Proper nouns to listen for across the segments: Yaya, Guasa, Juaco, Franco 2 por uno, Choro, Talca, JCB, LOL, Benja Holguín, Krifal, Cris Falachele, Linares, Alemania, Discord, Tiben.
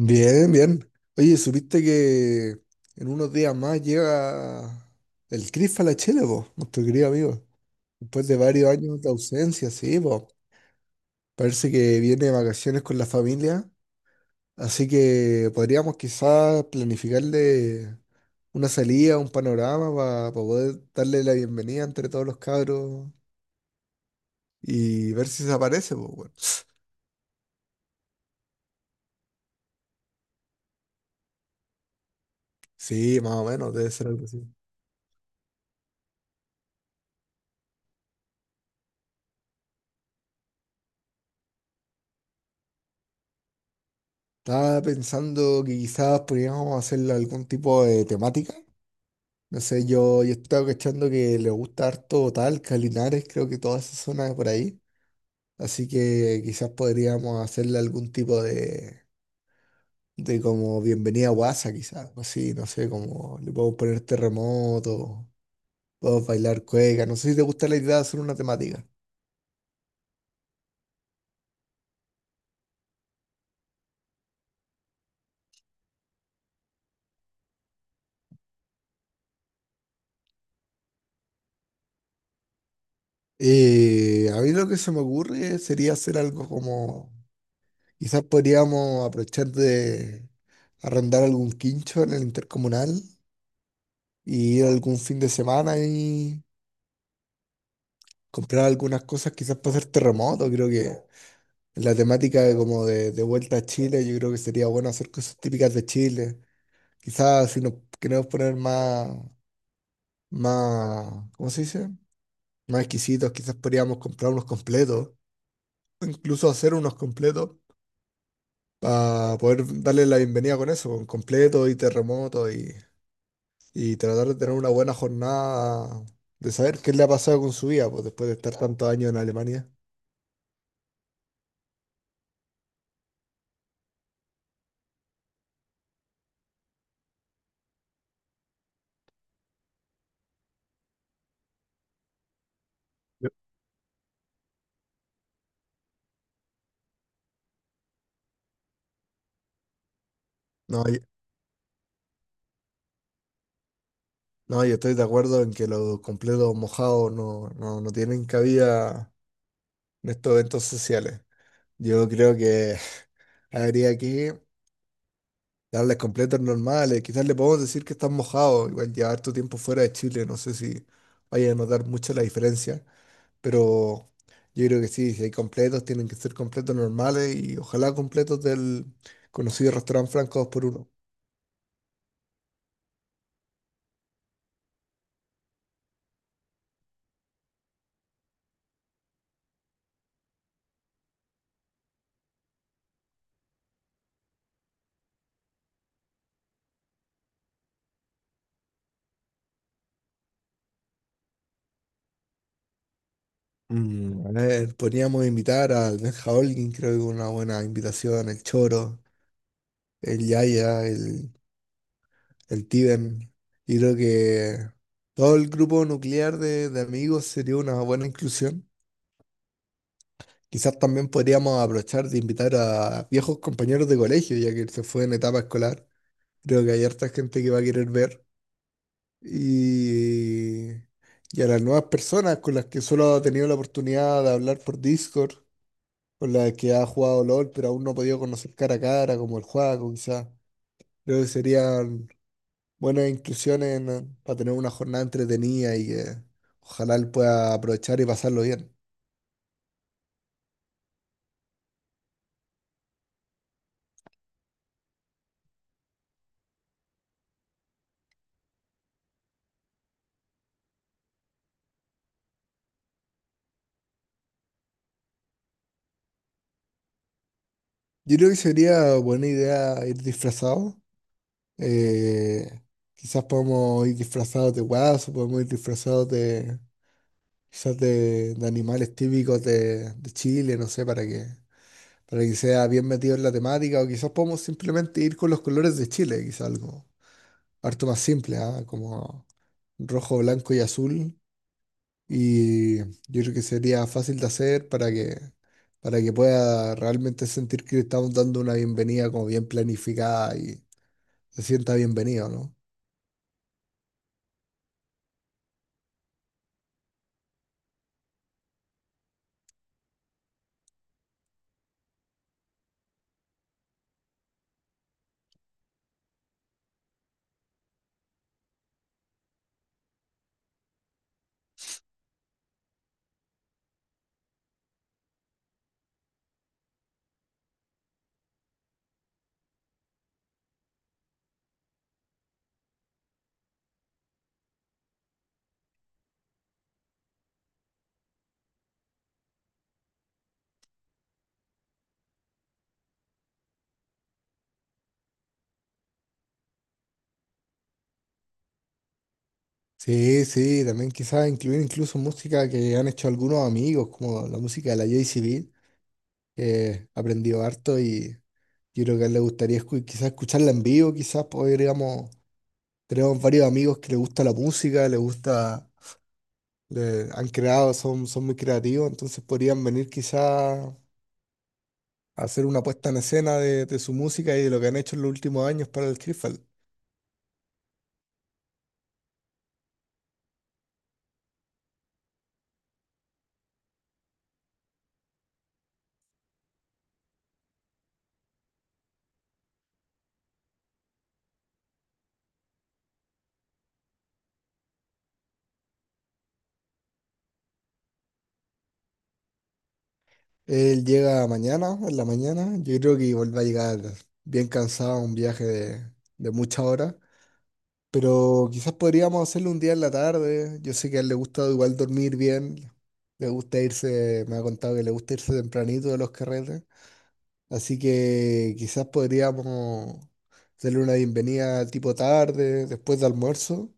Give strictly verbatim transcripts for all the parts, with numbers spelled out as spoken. Bien, bien. Oye, ¿supiste que en unos días más llega el Cris Falachele, vos, nuestro querido amigo? Después de varios años de ausencia, sí, vos. Parece que viene de vacaciones con la familia, así que podríamos quizás planificarle una salida, un panorama para poder darle la bienvenida entre todos los cabros y ver si se aparece, pues, bueno. Sí, más o menos, debe ser algo así. Estaba pensando que quizás podríamos hacerle algún tipo de temática. No sé, yo, yo estaba cachando que le gusta harto Talca, Linares, creo que toda esa zona de por ahí. Así que quizás podríamos hacerle algún tipo de, de como bienvenida a Guasa, quizás. Algo así, no sé, como le podemos poner terremoto, podemos bailar cueca. No sé si te gusta la idea de hacer una temática. Eh, a mí lo que se me ocurre sería hacer algo como, quizás podríamos aprovechar de arrendar algún quincho en el intercomunal y ir algún fin de semana, comprar algunas cosas quizás para hacer terremoto. Creo que la temática de como de, de vuelta a Chile, yo creo que sería bueno hacer cosas típicas de Chile. Quizás si nos queremos poner más, más, ¿cómo se dice? Más exquisitos, quizás podríamos comprar unos completos, o incluso hacer unos completos para poder darle la bienvenida con eso, con completo y terremoto y, y tratar de tener una buena jornada de saber qué le ha pasado con su vida pues, después de estar tantos años en Alemania. No, no, yo estoy de acuerdo en que los completos mojados no, no, no tienen cabida en estos eventos sociales. Yo creo que habría que darles completos normales. Quizás le podemos decir que están mojados. Igual llevar tu tiempo fuera de Chile, no sé si vaya a notar mucho la diferencia. Pero yo creo que sí, si hay completos, tienen que ser completos normales y ojalá completos del conocido restaurante Franco dos por uno. Mm, a ver, podríamos invitar al Benja Holguín, creo que una buena invitación, el Choro, el Yaya, el, el Tiben. Y creo que todo el grupo nuclear de, de amigos sería una buena inclusión. Quizás también podríamos aprovechar de invitar a viejos compañeros de colegio, ya que él se fue en etapa escolar. Creo que hay harta gente que va a querer ver. Y, y a las nuevas personas con las que solo ha tenido la oportunidad de hablar por Discord, con las que ha jugado LOL, pero aún no ha podido conocer cara a cara, como el Juaco, quizás. Creo que sería buenas inclusiones en- para tener una jornada entretenida y que ojalá él pueda aprovechar y pasarlo bien. Yo creo que sería buena idea ir disfrazado. Eh, Quizás podemos ir disfrazados de guaso, podemos ir disfrazados de quizás de, de animales típicos de, de Chile, no sé, para que, para que sea bien metido en la temática, o quizás podemos simplemente ir con los colores de Chile, quizás algo harto más simple, ¿ah? Como rojo, blanco y azul. Y yo creo que sería fácil de hacer para que, para que pueda realmente sentir que le estamos dando una bienvenida como bien planificada y se sienta bienvenido, ¿no? Sí, sí, también quizás incluir incluso música que han hecho algunos amigos, como la música de la J C B, que aprendió harto y yo creo que a él le gustaría escu- quizás escucharla en vivo, quizás podríamos, tenemos varios amigos que les gusta la música, les gusta, le- han creado, son, son muy creativos, entonces podrían venir quizás hacer una puesta en escena de, de su música y de lo que han hecho en los últimos años para el Krifal. Él llega mañana, en la mañana, yo creo que igual va a llegar bien cansado, un viaje de, de muchas horas, pero quizás podríamos hacerlo un día en la tarde. Yo sé que a él le gusta igual dormir bien, le gusta irse, me ha contado que le gusta irse tempranito de los carretes, así que quizás podríamos... Darle una bienvenida tipo tarde, después de almuerzo,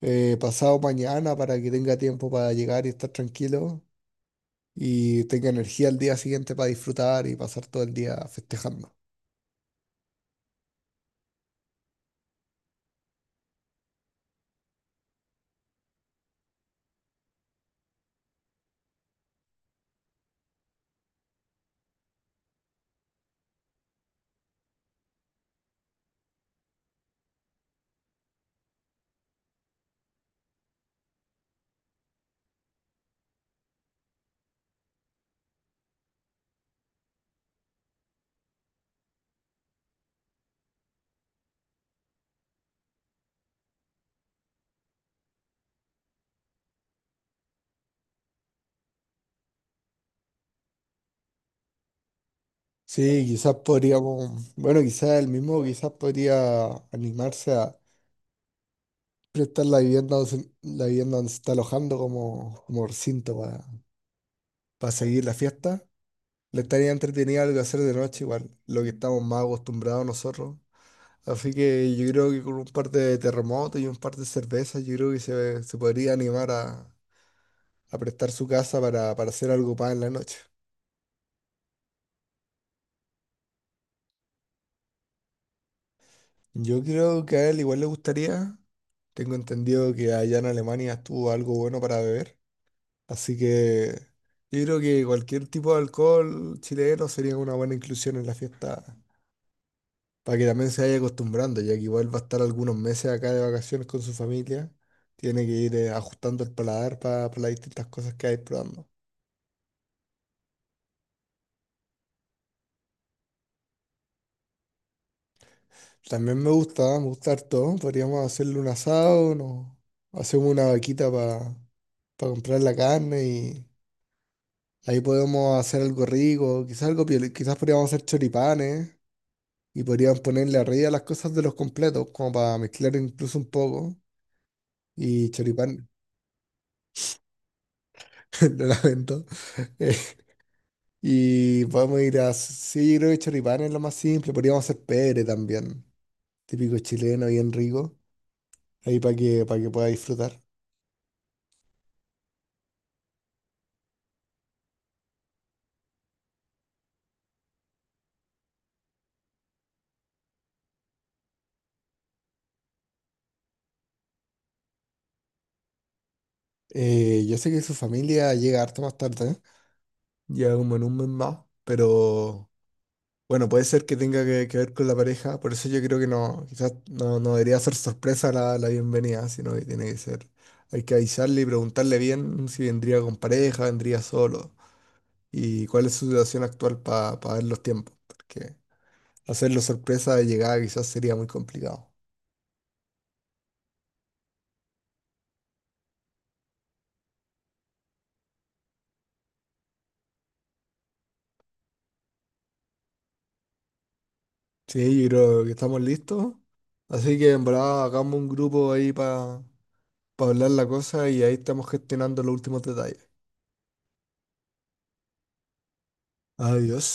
eh, pasado mañana, para que tenga tiempo para llegar y estar tranquilo y tenga energía el día siguiente para disfrutar y pasar todo el día festejando. Sí, quizás podríamos, bueno, quizás el mismo, quizás podría animarse a prestar la vivienda, donde se- la vivienda donde se está alojando como, como recinto para, para seguir la fiesta. Le estaría entretenido algo hacer de noche, igual, lo que estamos más acostumbrados nosotros. Así que yo creo que con un par de terremotos y un par de cervezas, yo creo que se, se podría animar a, a prestar su casa para, para hacer algo para en la noche. Yo creo que a él igual le gustaría. Tengo entendido que allá en Alemania estuvo algo bueno para beber. Así que yo creo que cualquier tipo de alcohol chileno sería una buena inclusión en la fiesta para que también se vaya acostumbrando, ya que igual va a estar algunos meses acá de vacaciones con su familia. Tiene que ir eh, ajustando el paladar para las distintas cosas que hay probando. También me gusta, me gusta harto. Podríamos hacerle un asado, no, hacemos una vaquita para comprar la carne y ahí podemos hacer algo rico, quizás algo piola, quizás podríamos hacer choripanes y podríamos ponerle arriba las cosas de los completos, como para mezclar incluso un poco. Y choripán, lo lamento. Y podemos ir a. Sí, yo creo que choripán es lo más simple. Podríamos hacer pere también, típico chileno, bien rico, ahí para que, para que pueda disfrutar. Eh, yo sé que su familia llega harto más tarde, ¿eh? Ya como en un mes más, pero bueno, puede ser que tenga que, que ver con la pareja, por eso yo creo que no, quizás no, no debería ser sorpresa la, la bienvenida, sino que tiene que ser, hay que avisarle y preguntarle bien si vendría con pareja, vendría solo, y cuál es su situación actual para ver los tiempos, porque hacerlo sorpresa de llegada quizás sería muy complicado. Sí, yo creo que estamos listos, así que en verdad hagamos un grupo ahí para para hablar la cosa y ahí estamos gestionando los últimos detalles. Adiós.